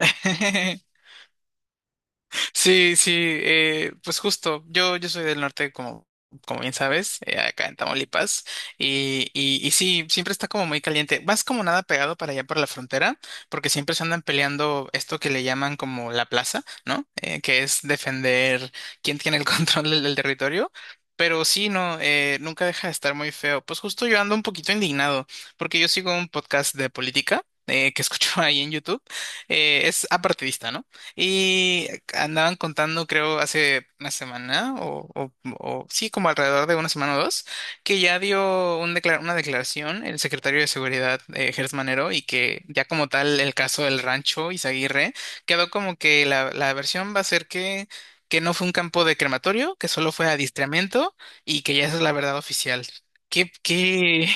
Sí, sí, pues justo, yo soy del norte, como bien sabes, acá en Tamaulipas, y sí, siempre está como muy caliente, más como nada pegado para allá por la frontera, porque siempre se andan peleando esto que le llaman como la plaza, ¿no? Que es defender quién tiene el control del territorio. Pero sí, no, nunca deja de estar muy feo. Pues justo yo ando un poquito indignado, porque yo sigo un podcast de política que escucho ahí en YouTube. Es apartidista, ¿no? Y andaban contando, creo, hace una semana, sí, como alrededor de una semana o dos, que ya dio un una declaración el secretario de Seguridad, Gertz Manero, y que ya como tal el caso del rancho Izaguirre quedó como que la versión va a ser que no fue un campo de crematorio, que solo fue adiestramiento y que ya esa es la verdad oficial. ¿Qué, qué?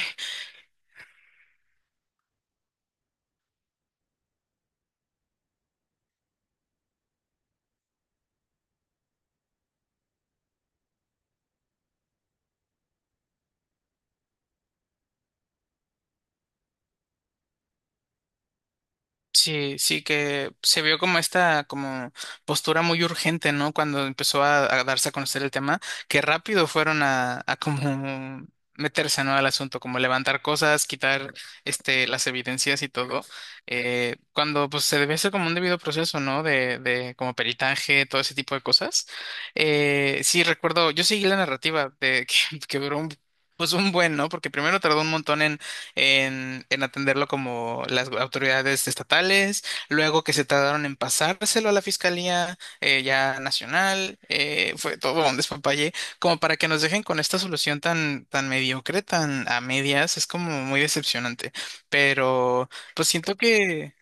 Sí, sí que se vio como esta como postura muy urgente, ¿no? Cuando empezó a darse a conocer el tema, que rápido fueron a como meterse, ¿no? Al asunto, como levantar cosas, quitar este las evidencias y todo, cuando pues se debe hacer como un debido proceso, ¿no? De como peritaje, todo ese tipo de cosas. Sí, recuerdo, yo seguí la narrativa de que duró un, pues un buen, ¿no? Porque primero tardó un montón en atenderlo como las autoridades estatales, luego que se tardaron en pasárselo a la Fiscalía ya nacional, fue todo un despapalle, como para que nos dejen con esta solución tan, tan mediocre, tan a medias, es como muy decepcionante, pero pues siento que...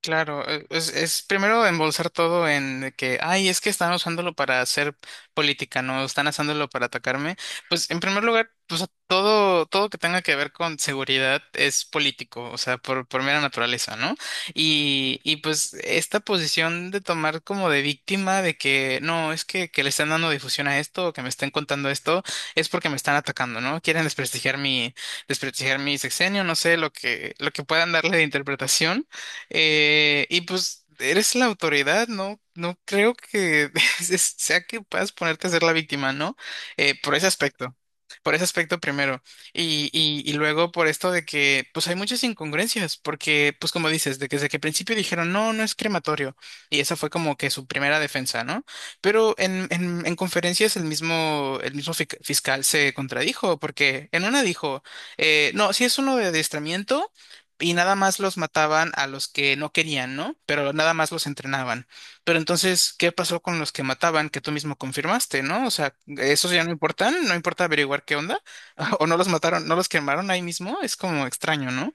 Claro, es primero embolsar todo en de que, ay, es que están usándolo para hacer política, no están usándolo para atacarme. Pues en primer lugar, pues todo que tenga que ver con seguridad es político, o sea, por mera naturaleza, ¿no? Y pues esta posición de tomar como de víctima de que no, es que le están dando difusión a esto o que me estén contando esto, es porque me están atacando, ¿no? Quieren desprestigiar mi sexenio, no sé, lo que puedan darle de interpretación. Y pues eres la autoridad, ¿no? No creo que sea que puedas ponerte a ser la víctima, ¿no? Por ese aspecto. Por ese aspecto primero. Y luego por esto de que, pues hay muchas incongruencias, porque, pues como dices, de que desde que al principio dijeron, no, no es crematorio. Y esa fue como que su primera defensa, ¿no? Pero en conferencias el mismo fiscal se contradijo, porque en una dijo, no, si es uno de adiestramiento y nada más los mataban a los que no querían, ¿no? Pero nada más los entrenaban. Pero entonces, ¿qué pasó con los que mataban que tú mismo confirmaste, ¿no? O sea, ¿esos ya no importan? ¿No importa averiguar qué onda? ¿O no los mataron, no los quemaron ahí mismo? Es como extraño, ¿no?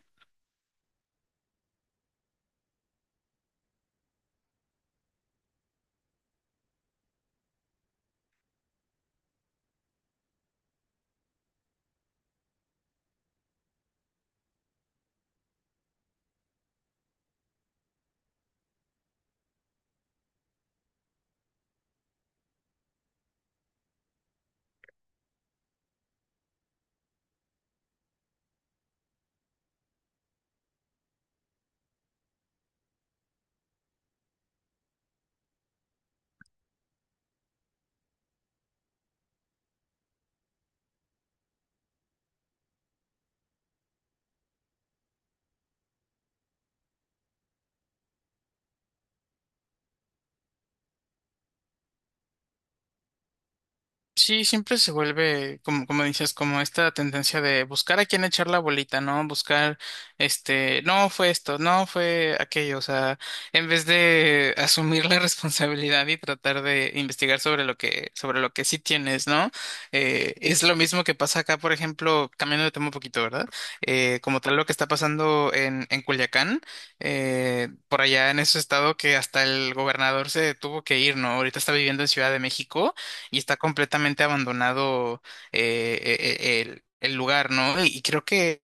Sí, siempre se vuelve, como, como dices, como esta tendencia de buscar a quién echar la bolita, ¿no? Buscar, este, no fue esto, no fue aquello, o sea, en vez de asumir la responsabilidad y tratar de investigar sobre lo que sí tienes, ¿no? Es lo mismo que pasa acá, por ejemplo, cambiando de tema un poquito, ¿verdad? Como tal lo que está pasando en Culiacán, por allá en ese estado que hasta el gobernador se tuvo que ir, ¿no? Ahorita está viviendo en Ciudad de México y está completamente abandonado el lugar, ¿no? Y creo que,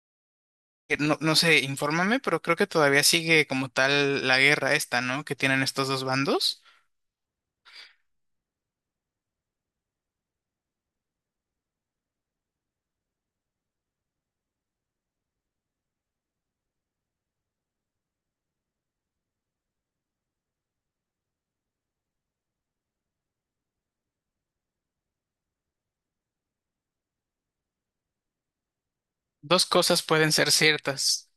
que no, no sé, infórmame, pero creo que todavía sigue como tal la guerra esta, ¿no? Que tienen estos dos bandos. Dos cosas pueden ser ciertas.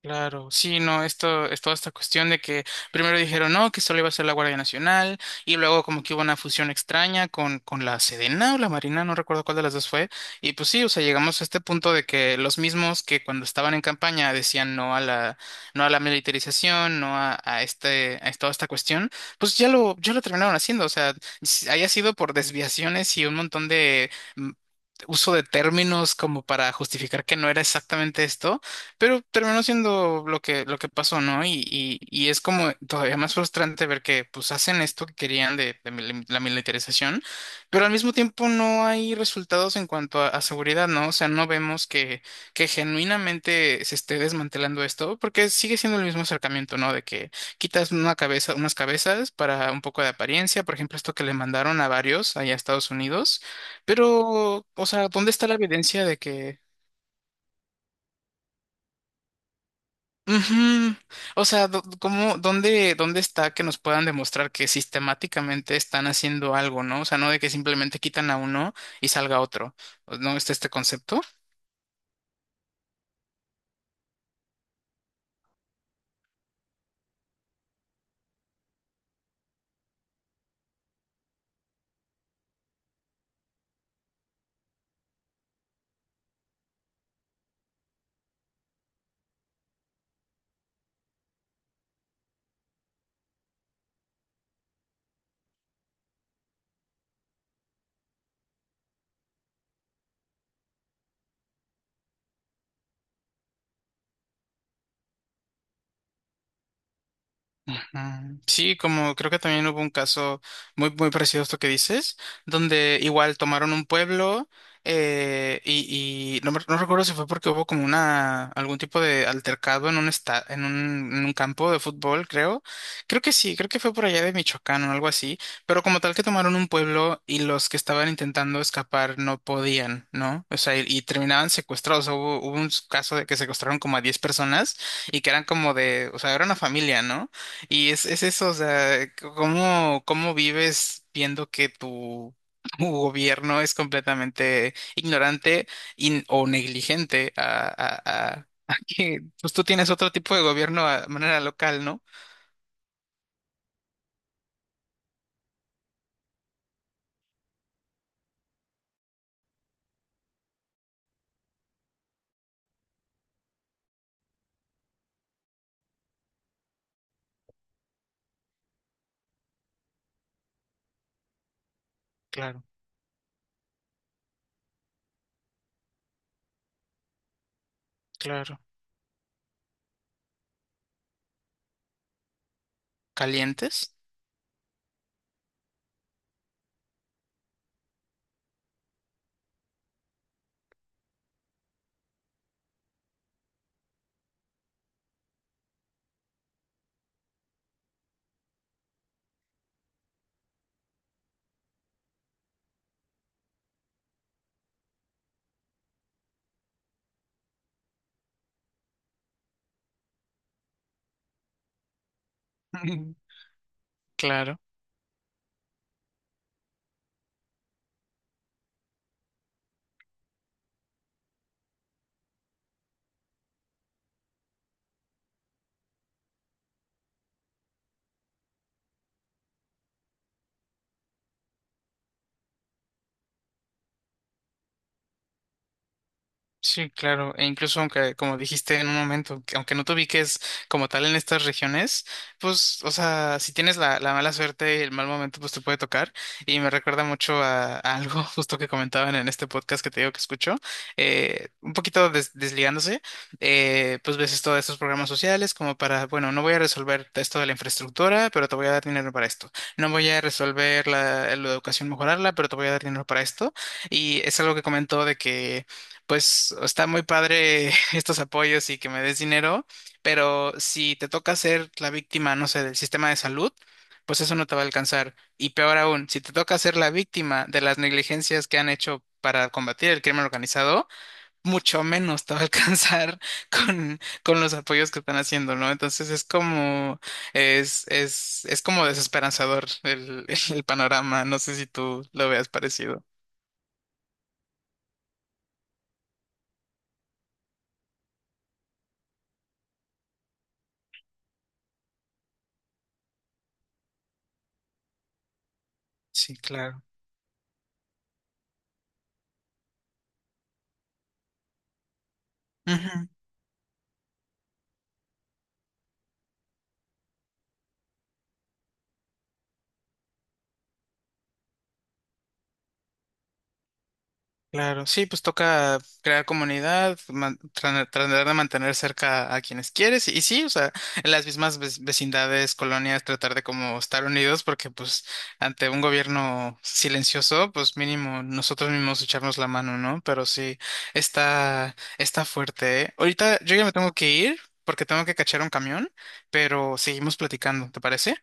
Claro, sí, no, esto es toda esta cuestión de que primero dijeron no, que solo iba a ser la Guardia Nacional y luego como que hubo una fusión extraña con la Sedena o la Marina, no recuerdo cuál de las dos fue, y pues sí, o sea, llegamos a este punto de que los mismos que cuando estaban en campaña decían no a la, no a la militarización, no a este, a toda esta cuestión, pues ya lo terminaron haciendo, o sea, haya sido por desviaciones y un montón de mm, uso de términos como para justificar que no era exactamente esto pero terminó siendo lo que pasó, ¿no? Y es como todavía más frustrante ver que pues hacen esto que querían de la militarización, pero al mismo tiempo no hay resultados en cuanto a seguridad, ¿no? O sea, no vemos que genuinamente se esté desmantelando esto, porque sigue siendo el mismo acercamiento, ¿no? De que quitas una cabeza, unas cabezas para un poco de apariencia, por ejemplo, esto que le mandaron a varios allá a Estados Unidos, pero, o sea, ¿dónde está la evidencia de que? Ujú. O sea, ¿cómo, dónde está que nos puedan demostrar que sistemáticamente están haciendo algo, ¿no? O sea, no de que simplemente quitan a uno y salga otro. ¿No está este concepto? Ujú. Sí, como creo que también hubo un caso muy, muy parecido a esto que dices, donde igual tomaron un pueblo y no, no recuerdo si fue porque hubo como una algún tipo de altercado en un, esta- en un campo de fútbol, creo. Creo que sí, creo que fue por allá de Michoacán o algo así, pero como tal que tomaron un pueblo y los que estaban intentando escapar no podían, ¿no? O sea, y terminaban secuestrados. O sea, hubo un caso de que secuestraron como a 10 personas y que eran como de, o sea, era una familia, ¿no? Y es eso, o sea, ¿cómo vives viendo que tu, tu gobierno es completamente ignorante o negligente a que pues tú tienes otro tipo de gobierno a manera local, ¿no? Claro, claro. ¿Calientes? Claro. Sí, claro, e incluso aunque, como dijiste en un momento, que aunque no te ubiques como tal en estas regiones, pues, o sea, si tienes la mala suerte, el mal momento, pues te puede tocar. Y me recuerda mucho a algo justo que comentaban en este podcast que te digo que escucho, un poquito desligándose, pues ves todos estos programas sociales como para, bueno, no voy a resolver esto de la infraestructura, pero te voy a dar dinero para esto. No voy a resolver la educación, mejorarla, pero te voy a dar dinero para esto. Y es algo que comentó de que pues está muy padre estos apoyos y que me des dinero, pero si te toca ser la víctima, no sé, del sistema de salud, pues eso no te va a alcanzar. Y peor aún, si te toca ser la víctima de las negligencias que han hecho para combatir el crimen organizado, mucho menos te va a alcanzar con los apoyos que están haciendo, ¿no? Entonces es como, es como desesperanzador el, el panorama. No sé si tú lo veas parecido. Sí, claro. Claro, sí, pues toca crear comunidad, tratar de mantener cerca a quienes quieres y, sí, o sea, en las mismas vecindades, colonias, tratar de como estar unidos porque pues ante un gobierno silencioso, pues mínimo nosotros mismos echarnos la mano, ¿no? Pero sí, está fuerte, ¿eh? Ahorita yo ya me tengo que ir porque tengo que cachar un camión, pero seguimos platicando, ¿te parece?